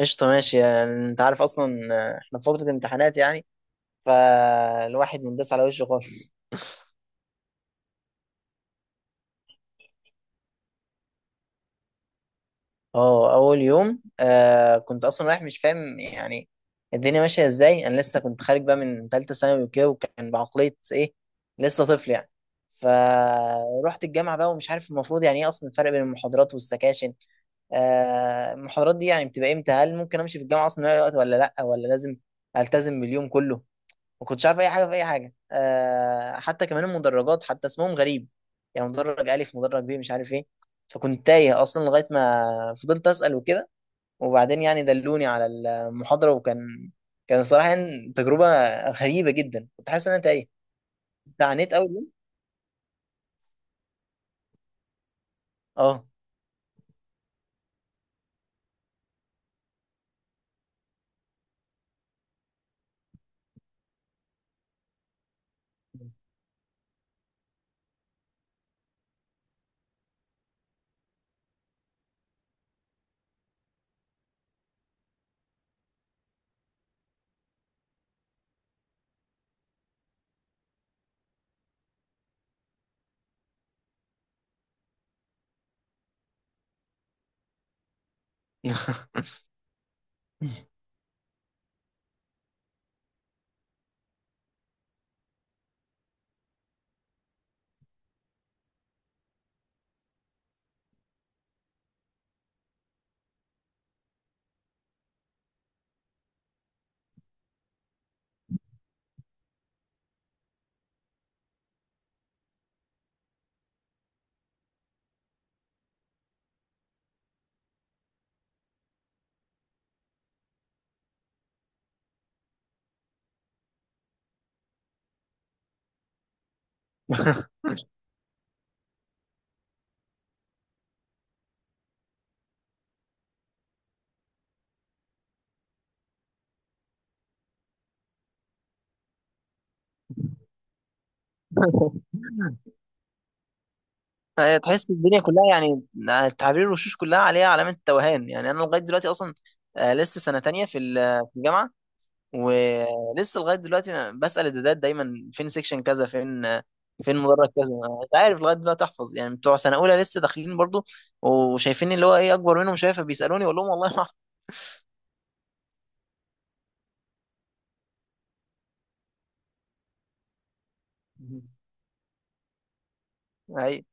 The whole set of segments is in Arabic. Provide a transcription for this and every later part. قشطة، ماشي. يعني انت عارف اصلا، احنا في فترة امتحانات يعني، فالواحد منداس على وشه خالص. اه، اول يوم. كنت اصلا رايح مش فاهم يعني الدنيا ماشية ازاي. انا لسه كنت خارج بقى من ثالثة ثانوي وكده، وكان بعقلية ايه، لسه طفل يعني. فروحت الجامعة بقى ومش عارف المفروض يعني ايه اصلا الفرق بين المحاضرات والسكاشن. المحاضرات دي يعني بتبقى امتى؟ هل ممكن امشي في الجامعة اصلا من أي وقت ولا لا، ولا لازم التزم باليوم كله؟ ما كنتش عارف اي حاجه في اي حاجه. حتى كمان المدرجات حتى اسمهم غريب، يعني مدرج الف، مدرج ب، مش عارف ايه. فكنت تايه اصلا لغايه ما فضلت اسال وكده، وبعدين يعني دلوني على المحاضره، وكان صراحه يعني تجربه غريبه جدا، كنت حاسس ان انا تايه. انت عانيت اول يوم؟ اه. تحس الدنيا كلها يعني تعابير الوشوش كلها عليها علامه توهان، يعني انا لغايه دلوقتي اصلا، لسه سنه تانية في في الجامعه. ولسه لغايه دلوقتي أنا بسال الدادات دايما فين سيكشن كذا، فين مدرج كذا، مش عارف لغايه دلوقتي احفظ يعني. بتوع سنه اولى لسه داخلين برضو وشايفين اللي هو ايه اكبر منهم، شايفه بيسالوني، اقول لهم والله ما اعرف. أي.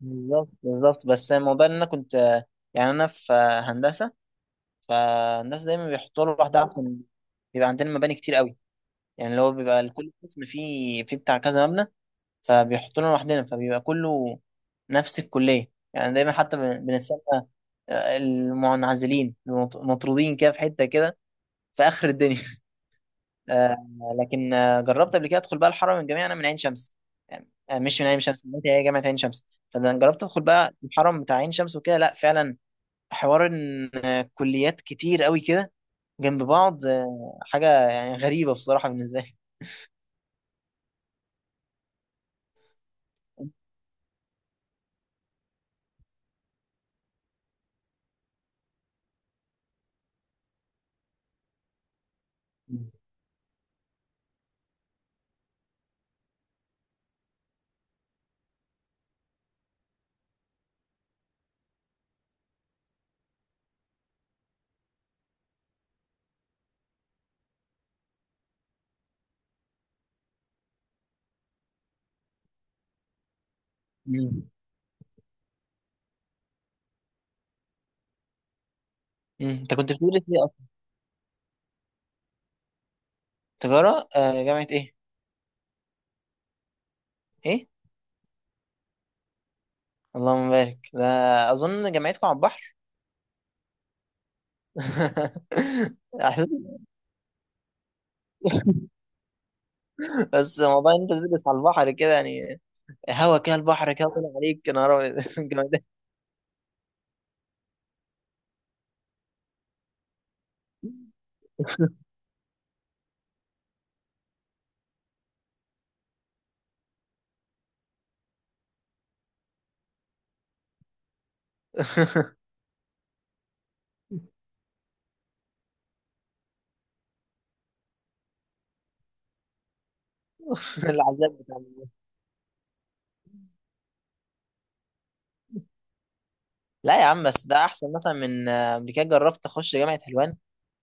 بالظبط بالظبط، بس الموضوع ان انا كنت يعني. انا في هندسه، فالناس دايما بيحطوا له لوحدها عشان بيبقى عندنا مباني كتير قوي، يعني اللي هو بيبقى لكل قسم فيه، فيه بتاع كذا مبنى، فبيحطونا لوحدنا، فبيبقى كله نفس الكلية يعني دايما. حتى بنستنى، المنعزلين، المطرودين كده في حتة كده في آخر الدنيا. آه، لكن جربت قبل كده أدخل بقى الحرم الجامعي. أنا من عين شمس، يعني مش من عين شمس، من هي جامعة عين شمس. فأنا جربت أدخل بقى الحرم بتاع عين شمس وكده. لا فعلا، حوار إن كليات كتير قوي كده جنب بعض حاجة يعني غريبة بصراحة بالنسبة لي. مم. مم. أنت كنت بتدرس إيه أصلا؟ تجارة جامعة إيه؟ ايه. اللهم بارك ده. اظن جامعتكم على البحر. أحسن- بس موضوع إن انت تدرس على البحر كده يعني. هوا كده، البحر كده طلع عليك يا نهار أبيض. جامد. العذاب بتاع لا يا عم، بس ده احسن مثلا من قبل كده جربت اخش جامعه حلوان.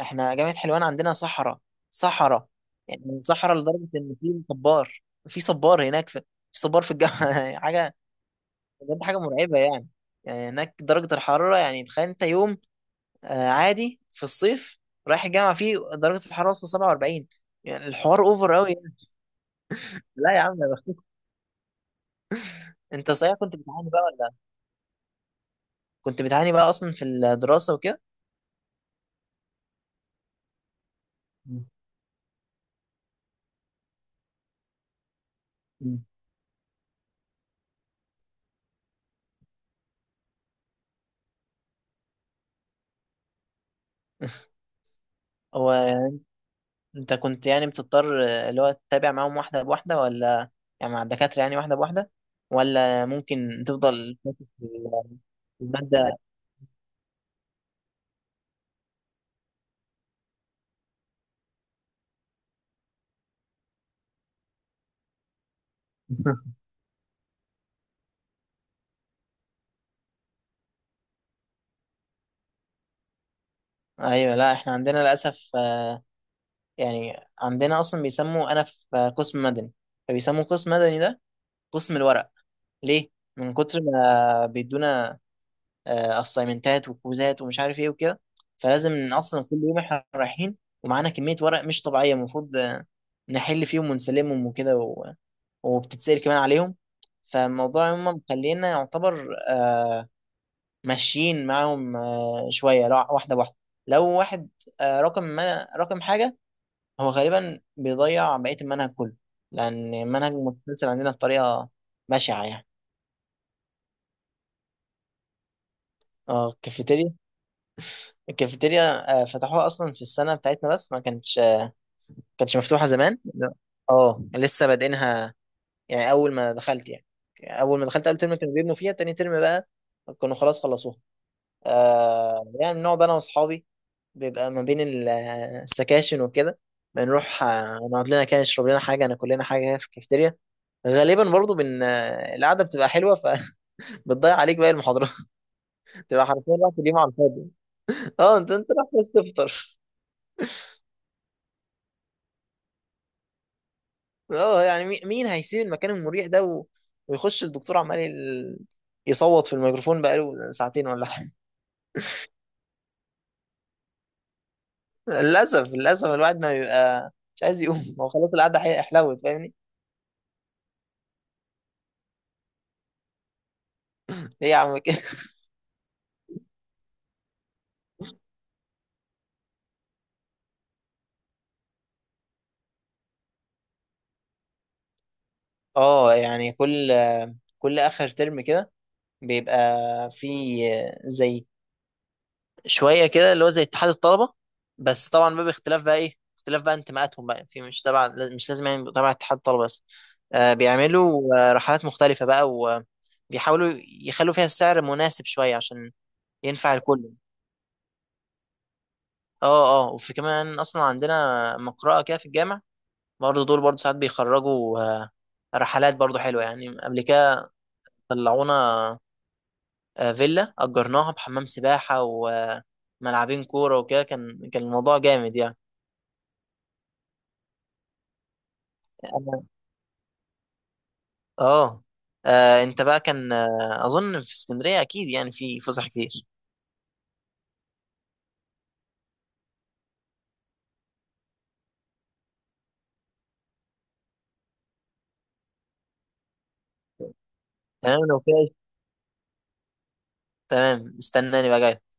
احنا جامعه حلوان عندنا صحراء، صحراء. يعني صحراء لدرجه ان في صبار، في صبار هناك، في صبار في الجامعه. حاجه، بجد حاجه مرعبه يعني. يعني هناك درجه الحراره يعني تخيل انت، يوم عادي في الصيف رايح الجامعه فيه درجه الحراره وصل 47. يعني الحوار اوفر قوي يعني. لا يا عم، يا بختك. انت صحيح كنت بتعاني بقى ولا؟ كنت بتعاني بقى اصلا في الدراسه وكده؟ مم. مم. هو انت كنت يعني بتضطر اللي هو تتابع معاهم واحده بواحده، ولا يعني مع الدكاتره يعني واحده بواحده؟ ولا ممكن تفضل فاكس في في الماده؟ ايوه. لا، احنا عندنا للاسف يعني عندنا اصلا بيسموا، انا في قسم مدني، فبيسموا قسم مدني ده قسم الورق، ليه؟ من كتر ما بيدونا اسايمنتات وكوزات ومش عارف ايه وكده. فلازم إن اصلا كل يوم احنا رايحين ومعانا كميه ورق مش طبيعيه، المفروض نحل فيهم ونسلمهم وكده وبتتسأل كمان عليهم. فالموضوع هم مخلينا يعتبر ماشيين معاهم شويه، لو واحده بواحده، لو واحد رقم، ما رقم حاجه هو غالبا بيضيع بقيه المنهج كله، لان المنهج متسلسل عندنا بطريقه بشعه يعني. اه الكافيتيريا. الكافيتيريا فتحوها اصلا في السنه بتاعتنا، بس ما كانتش مفتوحه زمان، لا. اه لسه بادئينها يعني. اول ما دخلت اول ترم كانوا بيبنوا فيها، تاني ترم بقى كانوا خلاص خلصوها. يعني بنقعد انا واصحابي، بيبقى ما بين السكاشن وكده، بنروح نقعد لنا كده، نشرب لنا حاجه، ناكل لنا حاجه هنا في الكافيتيريا. غالبا برضو بن آه، القعده بتبقى حلوه، فبتضيع عليك باقي المحاضرات. تبقى حرفيا رحت اليوم على الفاضي. اه انت رايح بس تفطر. اه يعني مين هيسيب المكان المريح ده و ويخش الدكتور عمال يصوت في الميكروفون بقاله ساعتين ولا حاجه. للاسف للاسف الواحد ما بيبقى مش عايز يقوم. هو خلاص القعده حلوت، فاهمني؟ ليه يا عم كده؟ اه يعني كل اخر ترم كده بيبقى في زي شويه كده اللي هو زي اتحاد الطلبه، بس طبعا بقى باختلاف بقى ايه اختلاف بقى انتماءاتهم بقى، في مش تبع، مش لازم يعني تبع اتحاد الطلبه بس. آه بيعملوا رحلات مختلفه بقى، وبيحاولوا يخلوا فيها السعر مناسب شويه عشان ينفع الكل. اه اه، وفي كمان اصلا عندنا مقرأة كده في الجامع، برضه دول برضه ساعات بيخرجوا رحلات برضه حلوه يعني. قبل كده طلعونا فيلا اجرناها بحمام سباحه وملعبين كوره وكده، كان الموضوع جامد يعني. اه انت بقى كان اظن في اسكندريه اكيد يعني في فسح كتير. تمام لو كده. تمام، استناني بقى جاي.